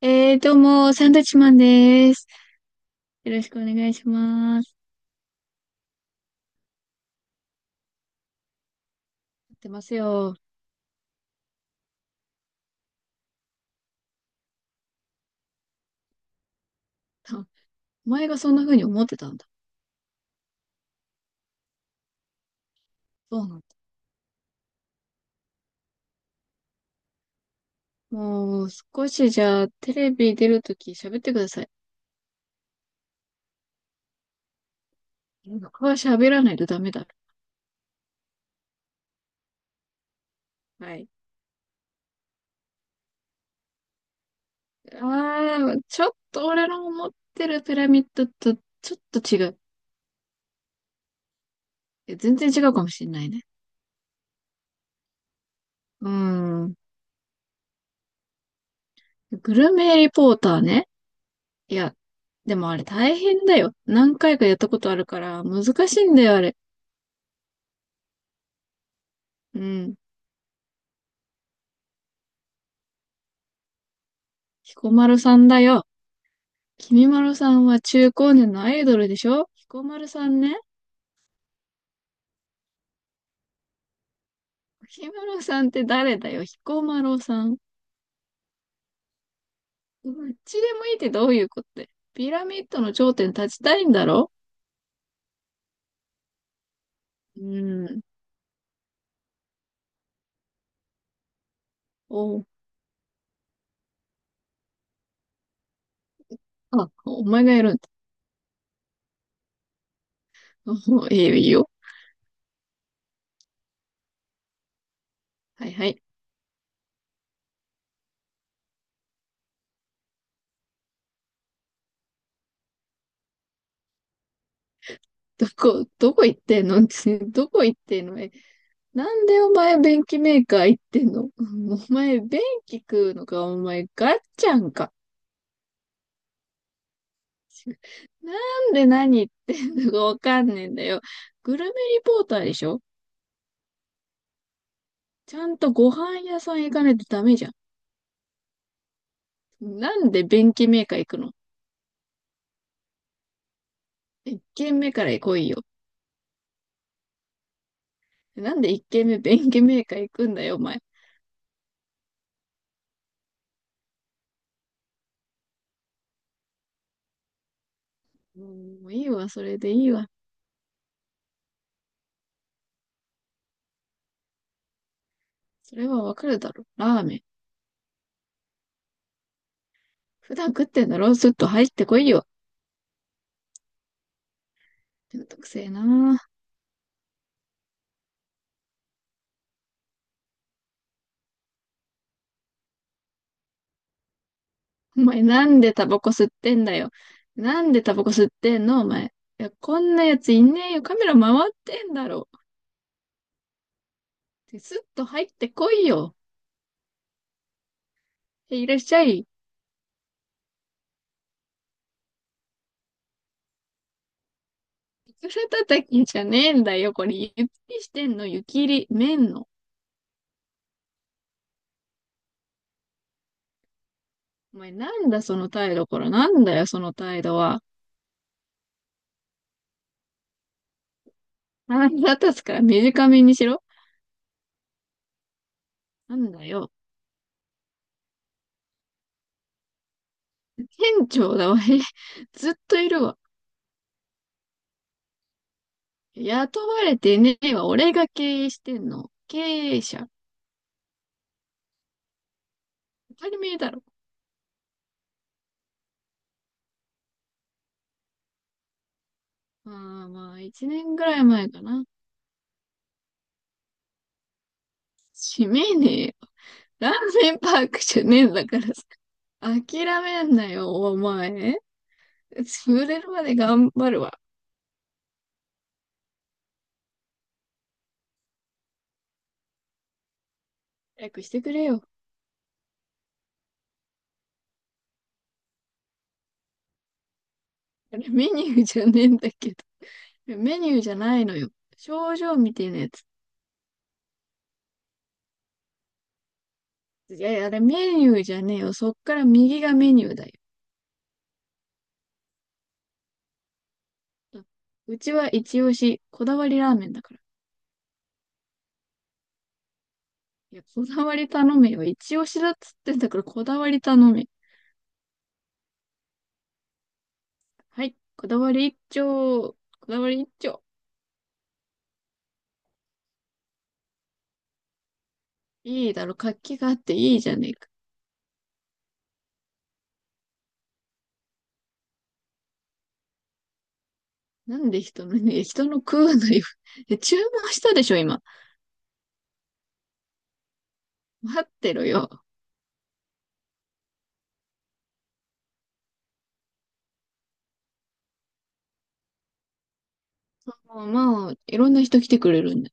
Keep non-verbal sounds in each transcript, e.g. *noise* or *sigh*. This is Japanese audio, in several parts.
どうも、サンドイッチマンです。よろしくお願いします。やってますよ。*laughs* あ、お前がそんな風に思ってたんだ。そうなんだ。もう、少しじゃあ、テレビ出るとき喋ってください。僕は喋らないとダメだ。はい。ちょっと俺の思ってるピラミッドとちょっと違う。いや全然違うかもしれないね。うーん。グルメリポーターね。いや、でもあれ大変だよ。何回かやったことあるから、難しいんだよ、あれ。うん。彦丸さんだよ。君丸さんは中高年のアイドルでしょ、彦丸さんね。君丸さんって誰だよ、彦丸さん。どっちでもいいってどういうことだよ。ピラミッドの頂点に立ちたいんだろ。うーん。お、あ、お前がやるんだ。*laughs* お、いいよ、いいよ。はいはい。どこ行ってんの？ *laughs* どこ行ってんの？え、なんでお前便器メーカー行ってんの？うん。 *laughs* お前便器食うのか、お前ガッチャンか。*laughs* なんで何言ってんのかわかんねえんだよ。グルメリポーターでしょ？ちゃんとご飯屋さん行かないとダメじゃん。なんで便器メーカー行くの？一軒目から来いよ。なんで一軒目便器メーカー行くんだよ、お前。うん、もういいわ、それでいいわ。それはわかるだろ。ラーメン。普段食ってんだろ、スッと入ってこいよ。めんどくせえな。お前なんでタバコ吸ってんだよ。なんでタバコ吸ってんの、お前。いや、こんなやついねえよ。カメラ回ってんだろ。スッと入ってこいよ。いらっしゃい。いくら叩きじゃねえんだよ。これ、湯切りしてんの、湯切り、麺の。お前、なんだその態度、これ。なんだよ、その態度は。腹立つから短めにしろ。なんだよ。店長だわ。*laughs* へ、ずっといるわ。雇われてねえわ。俺が経営してんの。経営者。当たり前だろ。ああ、まあ、一年ぐらい前かな。閉めねえよ。ラーメンパークじゃねえんだからさ。諦めんなよ、お前。潰れるまで頑張るわ。早くしてくれよ。あれメニューじゃねえんだけど。メニューじゃないのよ。症状みてえなやつ。いやいや、あれメニューじゃねえよ。そっから右がメニューだよ。うちは一押し、こだわりラーメンだから。いや、こだわり頼めよ。一押しだっつってんだから、こだわり頼め。はい、こだわり一丁。こだわり一丁。いいだろ、活気があっていいじゃねえか。なんで人の、ね、*laughs* 人の食うのよ。*laughs* え、注文したでしょ、今。待ってろよ。もうまあ、いろんな人来てくれるんだ。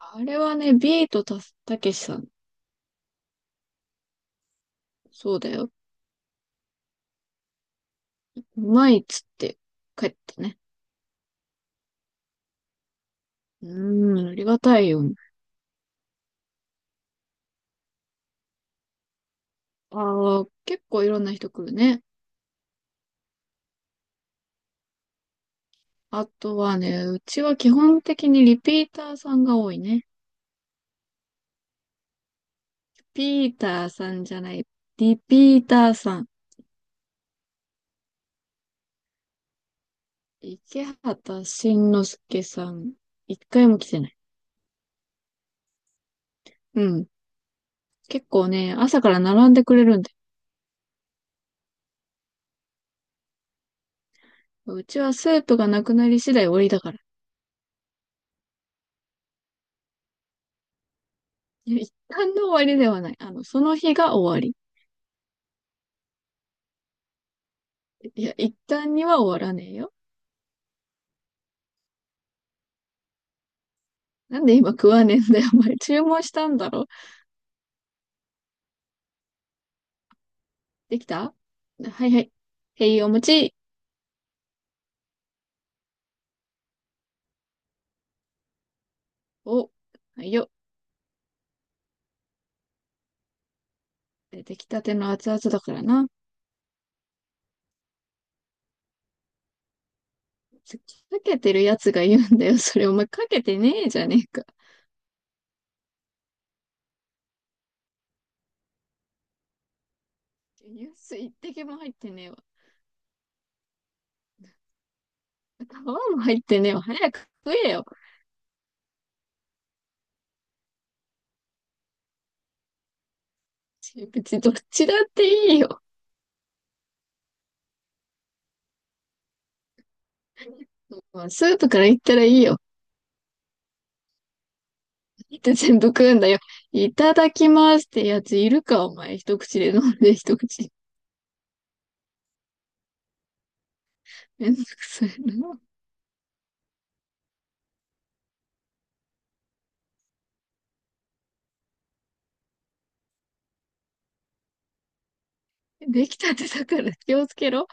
あれはね、ビートたけしさん。そうだよ。うまいっつって帰ったね。うーん、ありがたいよ。ああ、結構いろんな人来るね。あとはね、うちは基本的にリピーターさんが多いね。リピーターさんじゃない。リピーターさん。池畑慎之介さん。一回も来てない。うん。結構ね、朝から並んでくれるんで。うちはスープがなくなり次第終わりだから。いや、一旦の終わりではない。その日が終わり。いや、一旦には終わらねえよ。なんで今食わねえんだよ。お前注文したんだろ。できた。はいはい。へい、お餅。お、はいよ。出てきたての熱々だからな。かけてるやつが言うんだよ。それお前かけてねえじゃねえか。ニュース一滴も入ってねえわ。皮も入ってねえわ。早く食えよ。別にどっちだっていいよ。まあスープからいったらいいよ。って全部食うんだよ。いただきますってやついるか、お前。一口で飲んで一口。めんどくさいな。できたてだから気をつけろ。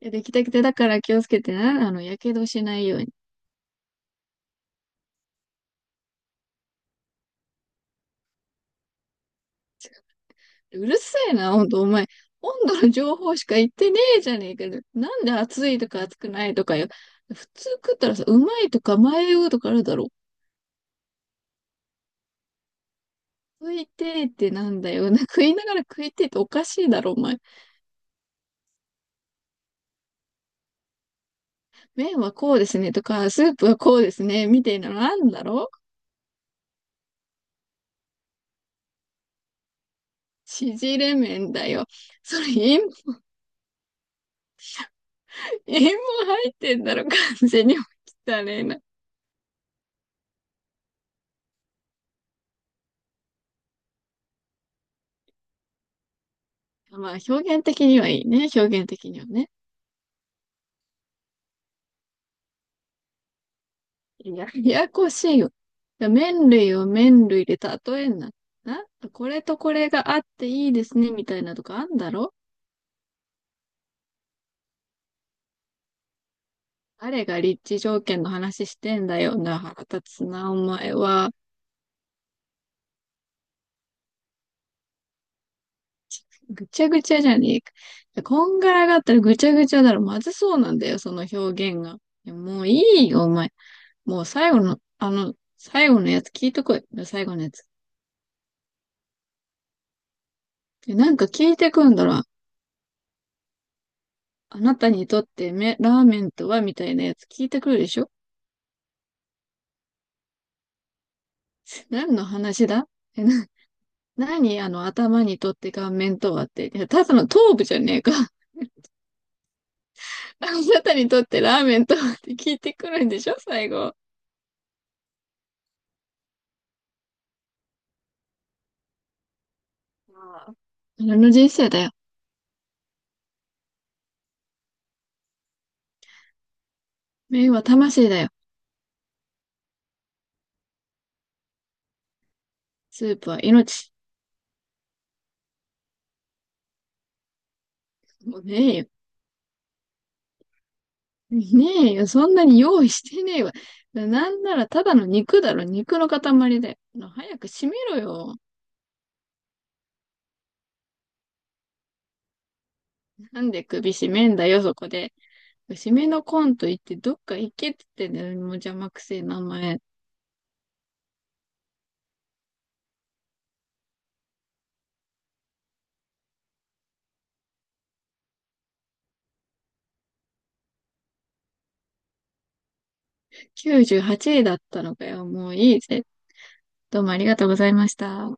いや、できたてだから気をつけてな。やけどしないように。うるせえな、ほんと、お前。温度の情報しか言ってねえじゃねえかよ。なんで熱いとか熱くないとかよ。普通食ったらさ、うまいとか迷うとかあるだろ。食いてえってなんだよ。な、食いながら食いてえっておかしいだろ、お前。麺はこうですねとか、スープはこうですね、みたいなのなんだろう。縮れ麺だよ。それ塩も入ってんだろ、完全に。汚ねえな。まあ、表現的にはいいね、表現的にはね。ややこしいよ。麺類を麺類で例えんな。な、これとこれがあっていいですね、みたいなとかあんだろ。誰が立地条件の話してんだよな、腹立つな、お前は。ぐちゃぐちゃじゃねえか。こんがらがったらぐちゃぐちゃだろ。まずそうなんだよ、その表現が。いや、もういいよ、お前。もう最後の、最後のやつ聞いてこい。最後のやつ。でなんか聞いてくんだろ。あなたにとってラーメンとはみたいなやつ聞いてくるでしょ？何の話だ？え、な、何あの頭にとって顔面とはって。いや、ただの頭部じゃねえか。*laughs* あなたにとってラーメンとはって聞いてくるんでしょ、最後。ああの、人生だよ。麺は魂だよ。スープは命。もうねえよ。ねえよ。そんなに用意してねえわ。なんならただの肉だろ。肉の塊だよ。早く閉めろよ。なんで首締めんだよ、そこで。締めのコンと言ってどっか行けって言ってんだよ。もう邪魔くせえ名前。98位だったのかよ。もういいぜ。どうもありがとうございました。